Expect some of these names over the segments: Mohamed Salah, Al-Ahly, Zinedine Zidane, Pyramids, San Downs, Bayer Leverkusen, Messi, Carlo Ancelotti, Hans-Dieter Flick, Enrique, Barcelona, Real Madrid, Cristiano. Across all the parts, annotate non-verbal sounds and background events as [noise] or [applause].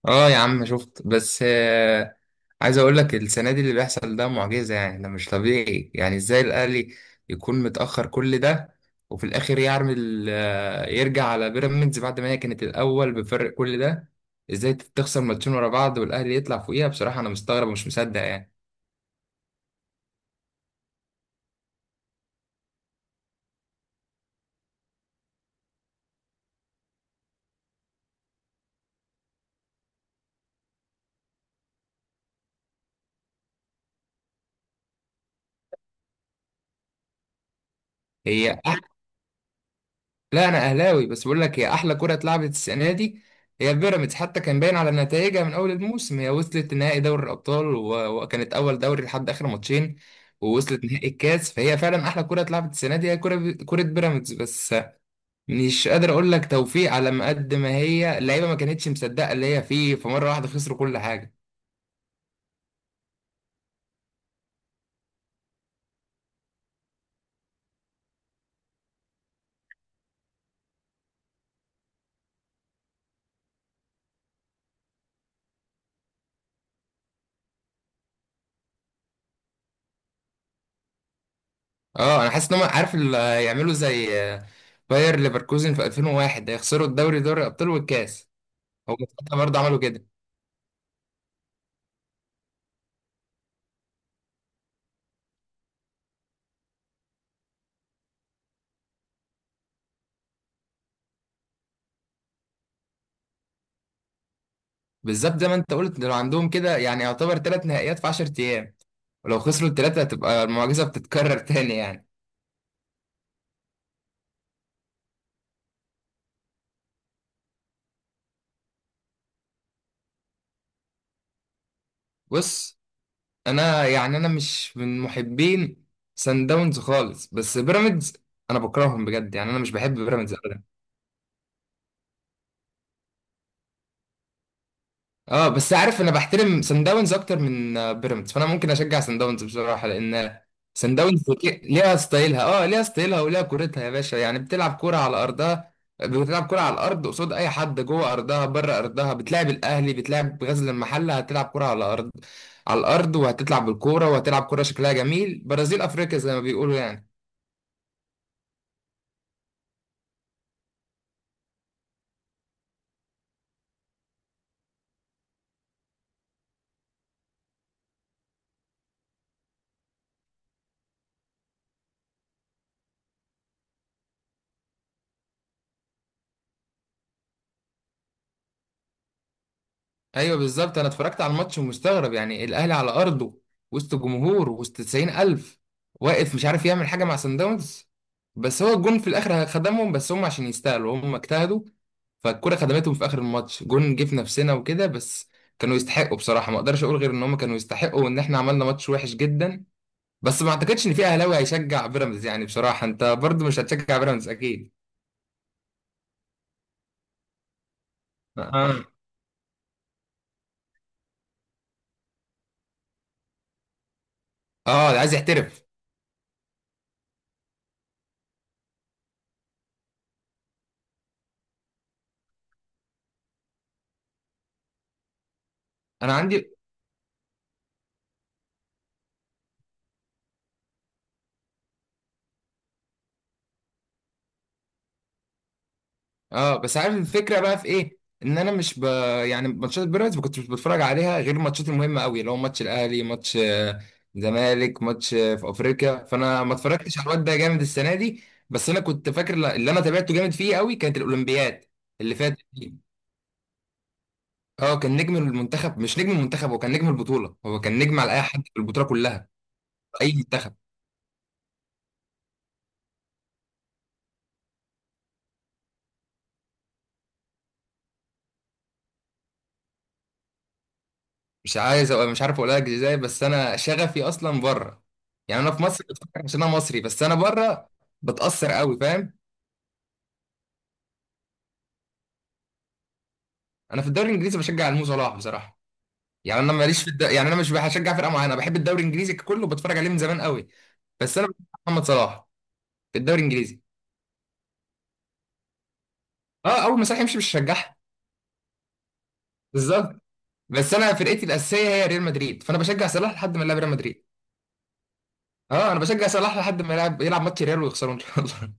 اه، يا عم شفت. بس عايز اقول لك السنه دي اللي بيحصل ده معجزه، يعني ده مش طبيعي. يعني ازاي الاهلي يكون متاخر كل ده، وفي الاخر يعمل يرجع على بيراميدز بعد ما هي كانت الاول بفرق كل ده؟ ازاي تخسر ماتشين ورا بعض والاهلي يطلع فوقيها؟ بصراحه انا مستغرب ومش مصدق يعني. هي لا، انا اهلاوي، بس بقول لك هي احلى كره اتلعبت السنه دي. هي بيراميدز حتى كان باين على نتائجها من اول الموسم، هي وصلت نهائي دوري الابطال، وكانت اول دوري لحد اخر ماتشين، ووصلت نهائي الكاس. فهي فعلا احلى كره اتلعبت السنه دي، هي كره، كره بيراميدز بس. مش قادر اقول لك توفيق على ما قد ما هي اللعيبه ما كانتش مصدقه اللي هي فيه، فمره واحده خسروا كل حاجه. اه، انا حاسس ان هم عارف يعملوا زي باير ليفركوزن في 2001، هيخسروا الدوري دوري الابطال والكاس. هم برضه عملوا كده. بالظبط زي ما انت قلت، لو عندهم كده يعني يعتبر ثلاث نهائيات في 10 ايام، ولو خسروا الثلاثه هتبقى المعجزه بتتكرر [laughs] تاني يعني. بص، انا يعني انا مش من محبين سان داونز خالص، بس بيراميدز انا بكرههم بجد. يعني انا مش بحب بيراميدز. اه، بس عارف انا بحترم سان داونز اكتر من بيراميدز، فانا ممكن اشجع سان داونز بصراحه. لان سان داونز ليها ستايلها، اه ليها ستايلها وليها كورتها يا باشا. يعني بتلعب كوره على ارضها، بتلعب كوره على الارض قصاد اي حد، جوه ارضها، بره ارضها. بتلعب الاهلي، بتلعب غزل المحله، هتلعب كوره على الارض، على الارض، وهتلعب بالكوره، وهتلعب كوره شكلها جميل، برازيل افريقيا زي ما بيقولوا يعني. ايوه بالظبط، انا اتفرجت على الماتش ومستغرب يعني. الاهلي على ارضه، وسط جمهور، وسط 90,000، واقف مش عارف يعمل حاجه مع سان داونز. بس هو الجون في الاخر خدمهم، بس هم عشان يستاهلوا هم اجتهدوا، فالكره خدمتهم في اخر الماتش، جون جه في نفسنا وكده بس. كانوا يستحقوا بصراحه، ما اقدرش اقول غير ان هم كانوا يستحقوا، وان احنا عملنا ماتش وحش جدا. بس ما اعتقدش ان في اهلاوي هيشجع بيراميدز يعني، بصراحه انت برضو مش هتشجع بيراميدز اكيد. اه اه، عايز يحترف. انا عندي. اه، بس عارف الفكره بقى في ايه، ان انا مش ب... يعني ماتشات بيراميدز ما كنتش بتفرج عليها غير الماتشات المهمه قوي، اللي هو ماتش الاهلي، ماتش زمالك، ماتش في افريقيا، فانا ما اتفرجتش على الواد ده جامد السنه دي. بس انا كنت فاكر اللي انا تابعته جامد فيه قوي كانت الاولمبياد اللي فاتت دي. اه، كان نجم المنتخب، مش نجم المنتخب، هو كان نجم البطوله، هو كان نجم على اي حد في البطوله كلها، اي منتخب. مش عايز أبقى، مش عارف اقولها لك ازاي، بس انا شغفي اصلا بره. يعني انا في مصر بتفكر عشان انا مصري، بس انا بره بتاثر قوي، فاهم. انا في الدوري الانجليزي بشجع المو صلاح بصراحه. يعني انا يعني انا مش بشجع فرقه معينه، بحب الدوري الانجليزي كله، بتفرج عليه من زمان قوي. بس انا بشجع محمد صلاح في الدوري الانجليزي. اه، اول ما صلاح يمشي مش هشجعها. بالظبط. بس انا فرقتي الاساسيه هي ريال مدريد، فانا بشجع صلاح لحد ما يلعب ريال مدريد. اه، انا بشجع صلاح لحد ما يلعب ماتش ريال ويخسروا ان شاء الله.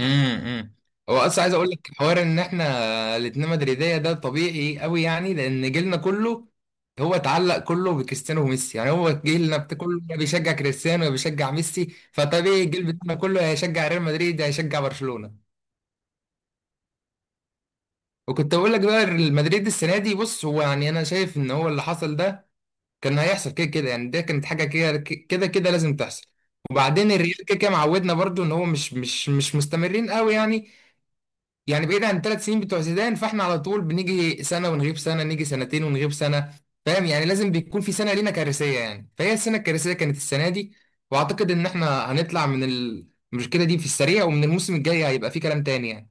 امم، هو اصلا عايز اقول لك حوار، ان احنا الاتنين مدريديه ده طبيعي قوي، يعني لان جيلنا كله هو اتعلق كله بكريستيانو وميسي. يعني هو جيلنا كله يا بيشجع كريستيانو يا بيشجع ميسي، فطبيعي الجيل بتاعنا كله هيشجع ريال مدريد، هيشجع برشلونه. وكنت اقول لك بقى ريال مدريد السنه دي، بص هو يعني انا شايف ان هو اللي حصل ده كان هيحصل كده كده يعني، ده كانت حاجه كده كده كده لازم تحصل. وبعدين الريال كده كده معودنا برضو، ان هو مش مستمرين قوي يعني. يعني بعيد عن الـ3 سنين بتوع زيدان، فاحنا على طول بنيجي سنه ونغيب سنه، نيجي سنتين ونغيب سنه، فاهم. يعني لازم بيكون في سنه لينا كارثيه يعني، فهي السنه الكارثيه كانت السنه دي. واعتقد ان احنا هنطلع من المشكله دي في السريع، ومن الموسم الجاي هيبقى في كلام تاني يعني.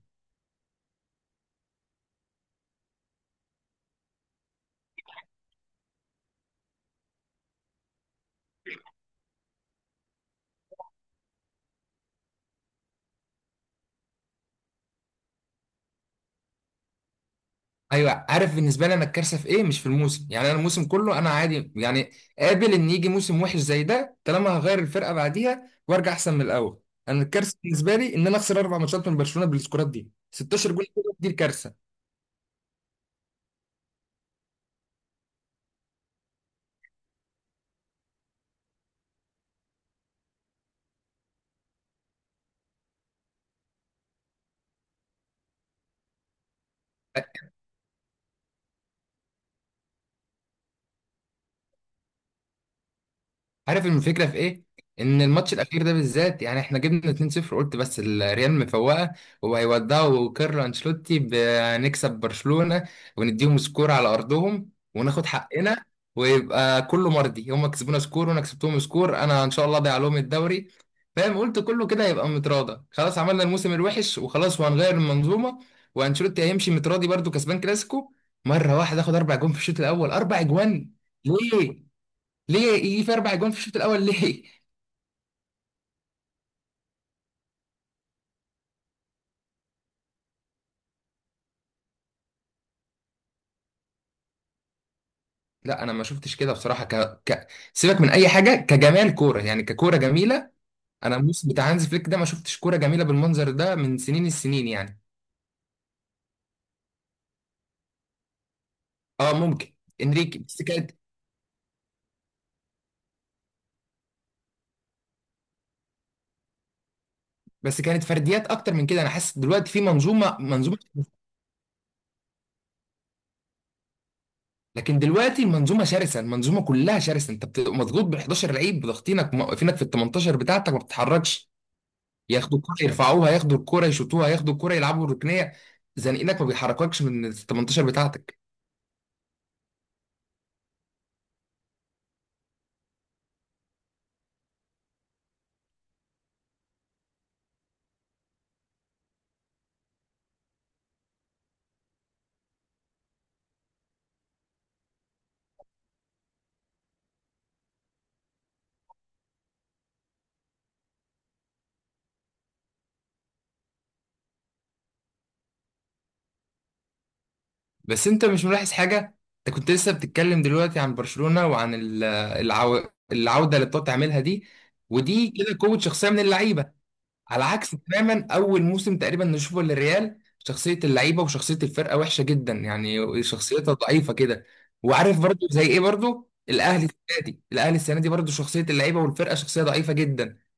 ايوه، عارف بالنسبه لي انا الكارثه في ايه؟ مش في الموسم، يعني انا الموسم كله انا عادي يعني، قابل ان يجي موسم وحش زي ده طالما هغير الفرقه بعديها وارجع احسن من الاول. انا الكارثه بالنسبه لي ان انا اخسر اربع ماتشات من برشلونه بالسكورات دي، 16 جول. دي الكارثه. عارف الفكره في ايه؟ ان الماتش الاخير ده بالذات يعني احنا جبنا 2-0، قلت بس الريال مفوقه وهيودعوا كارلو انشيلوتي، بنكسب برشلونه ونديهم سكور على ارضهم وناخد حقنا ويبقى كله مرضي. هم كسبونا سكور، وانا كسبتهم سكور، انا ان شاء الله ضيع لهم الدوري، فاهم. قلت كله كده هيبقى متراضى، خلاص عملنا الموسم الوحش وخلاص وهنغير المنظومه، وانشيلوتي هيمشي متراضي برضو كسبان كلاسيكو. مره واحده اخد اربع جون في الشوط الاول، اربع جوان. ليه؟ ليه يجي في اربع جون في الشوط الاول ليه؟ لا، انا ما شفتش كده بصراحه. ك... سيبك من اي حاجه كجمال كوره يعني، ككوره جميله. انا الموسم بتاع هانز فليك ده ما شفتش كوره جميله بالمنظر ده من سنين السنين يعني. اه ممكن. انريكي، بس كانت فرديات اكتر من كده، انا حاسس دلوقتي في منظومه. لكن دلوقتي المنظومه شرسه، المنظومه كلها شرسه، انت بتبقى مضغوط بال 11 لعيب، ضاغطينك موقفينك في ال 18 بتاعتك، ما بتتحركش. ياخدوا الكرة يرفعوها، ياخدوا الكرة يشوطوها، ياخدوا الكرة يلعبوا الركنية، زنقينك ما بيحرككش من ال 18 بتاعتك. بس انت مش ملاحظ حاجة؟ انت كنت لسه بتتكلم دلوقتي عن برشلونة وعن العودة اللي بتقعد تعملها دي، ودي كده قوة شخصية من اللعيبة. على عكس تماما، أول موسم تقريبا نشوفه للريال شخصية اللعيبة وشخصية الفرقة وحشة جدا يعني، شخصيتها ضعيفة كده. وعارف برضو زي ايه؟ برضو الأهلي السنة دي، الأهلي السنة دي برضو شخصية اللعيبة والفرقة شخصية ضعيفة جدا.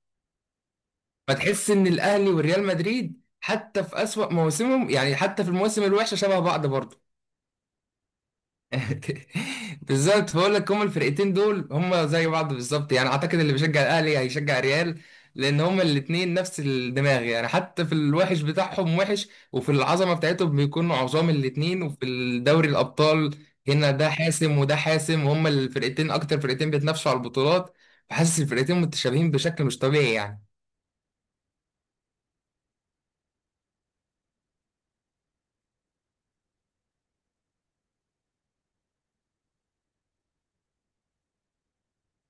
فتحس ان الاهلي والريال مدريد حتى في اسوأ مواسمهم، يعني حتى في المواسم الوحشه، شبه بعض برضه. [laughs] بالظبط، بقول لك هما الفرقتين دول هما زي بعض بالظبط، يعني اعتقد اللي بيشجع الاهلي هيشجع الريال. لان هما الاتنين نفس الدماغ، يعني حتى في الوحش بتاعهم وحش، وفي العظمه بتاعتهم بيكونوا عظام الاتنين، وفي الدوري الابطال هنا ده حاسم وده حاسم، وهما الفرقتين اكتر فرقتين بيتنافسوا على البطولات. فحاسس الفرقتين متشابهين بشكل مش طبيعي يعني.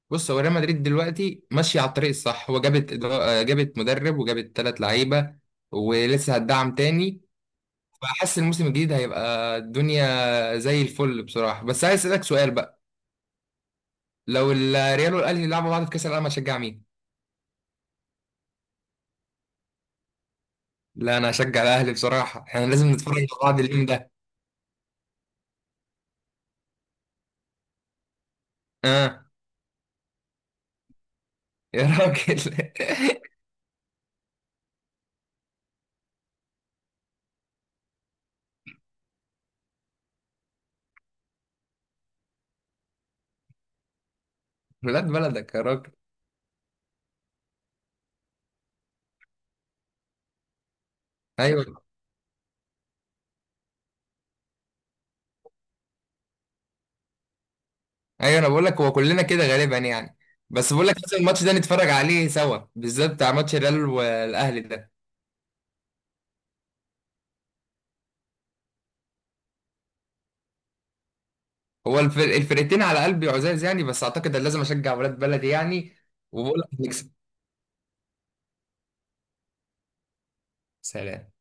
بص، هو ريال مدريد دلوقتي ماشية على الطريق الصح، هو جابت جابت مدرب وجابت ثلاث لعيبة، ولسه هتدعم تاني. فحاسس الموسم الجديد هيبقى الدنيا زي الفل بصراحة. بس عايز أسألك سؤال بقى، لو الريال والأهلي لعبوا بعض في كأس العالم هشجع مين؟ لا، أنا هشجع الأهلي بصراحة، احنا لازم نتفرج على بعض اليوم ده. اه يا راجل. [laughs] ولاد بلدك يا راجل. ايوه ايوه، انا بقول لك هو كلنا كده غالبا يعني. بس بقول لك لازم الماتش ده نتفرج عليه سوا، بالذات بتاع ماتش الريال والاهلي ده. هو الفرقتين على قلبي عزاز يعني، بس اعتقد ان لازم اشجع ولاد بلدي يعني. وبقول لك نكسب. سلام.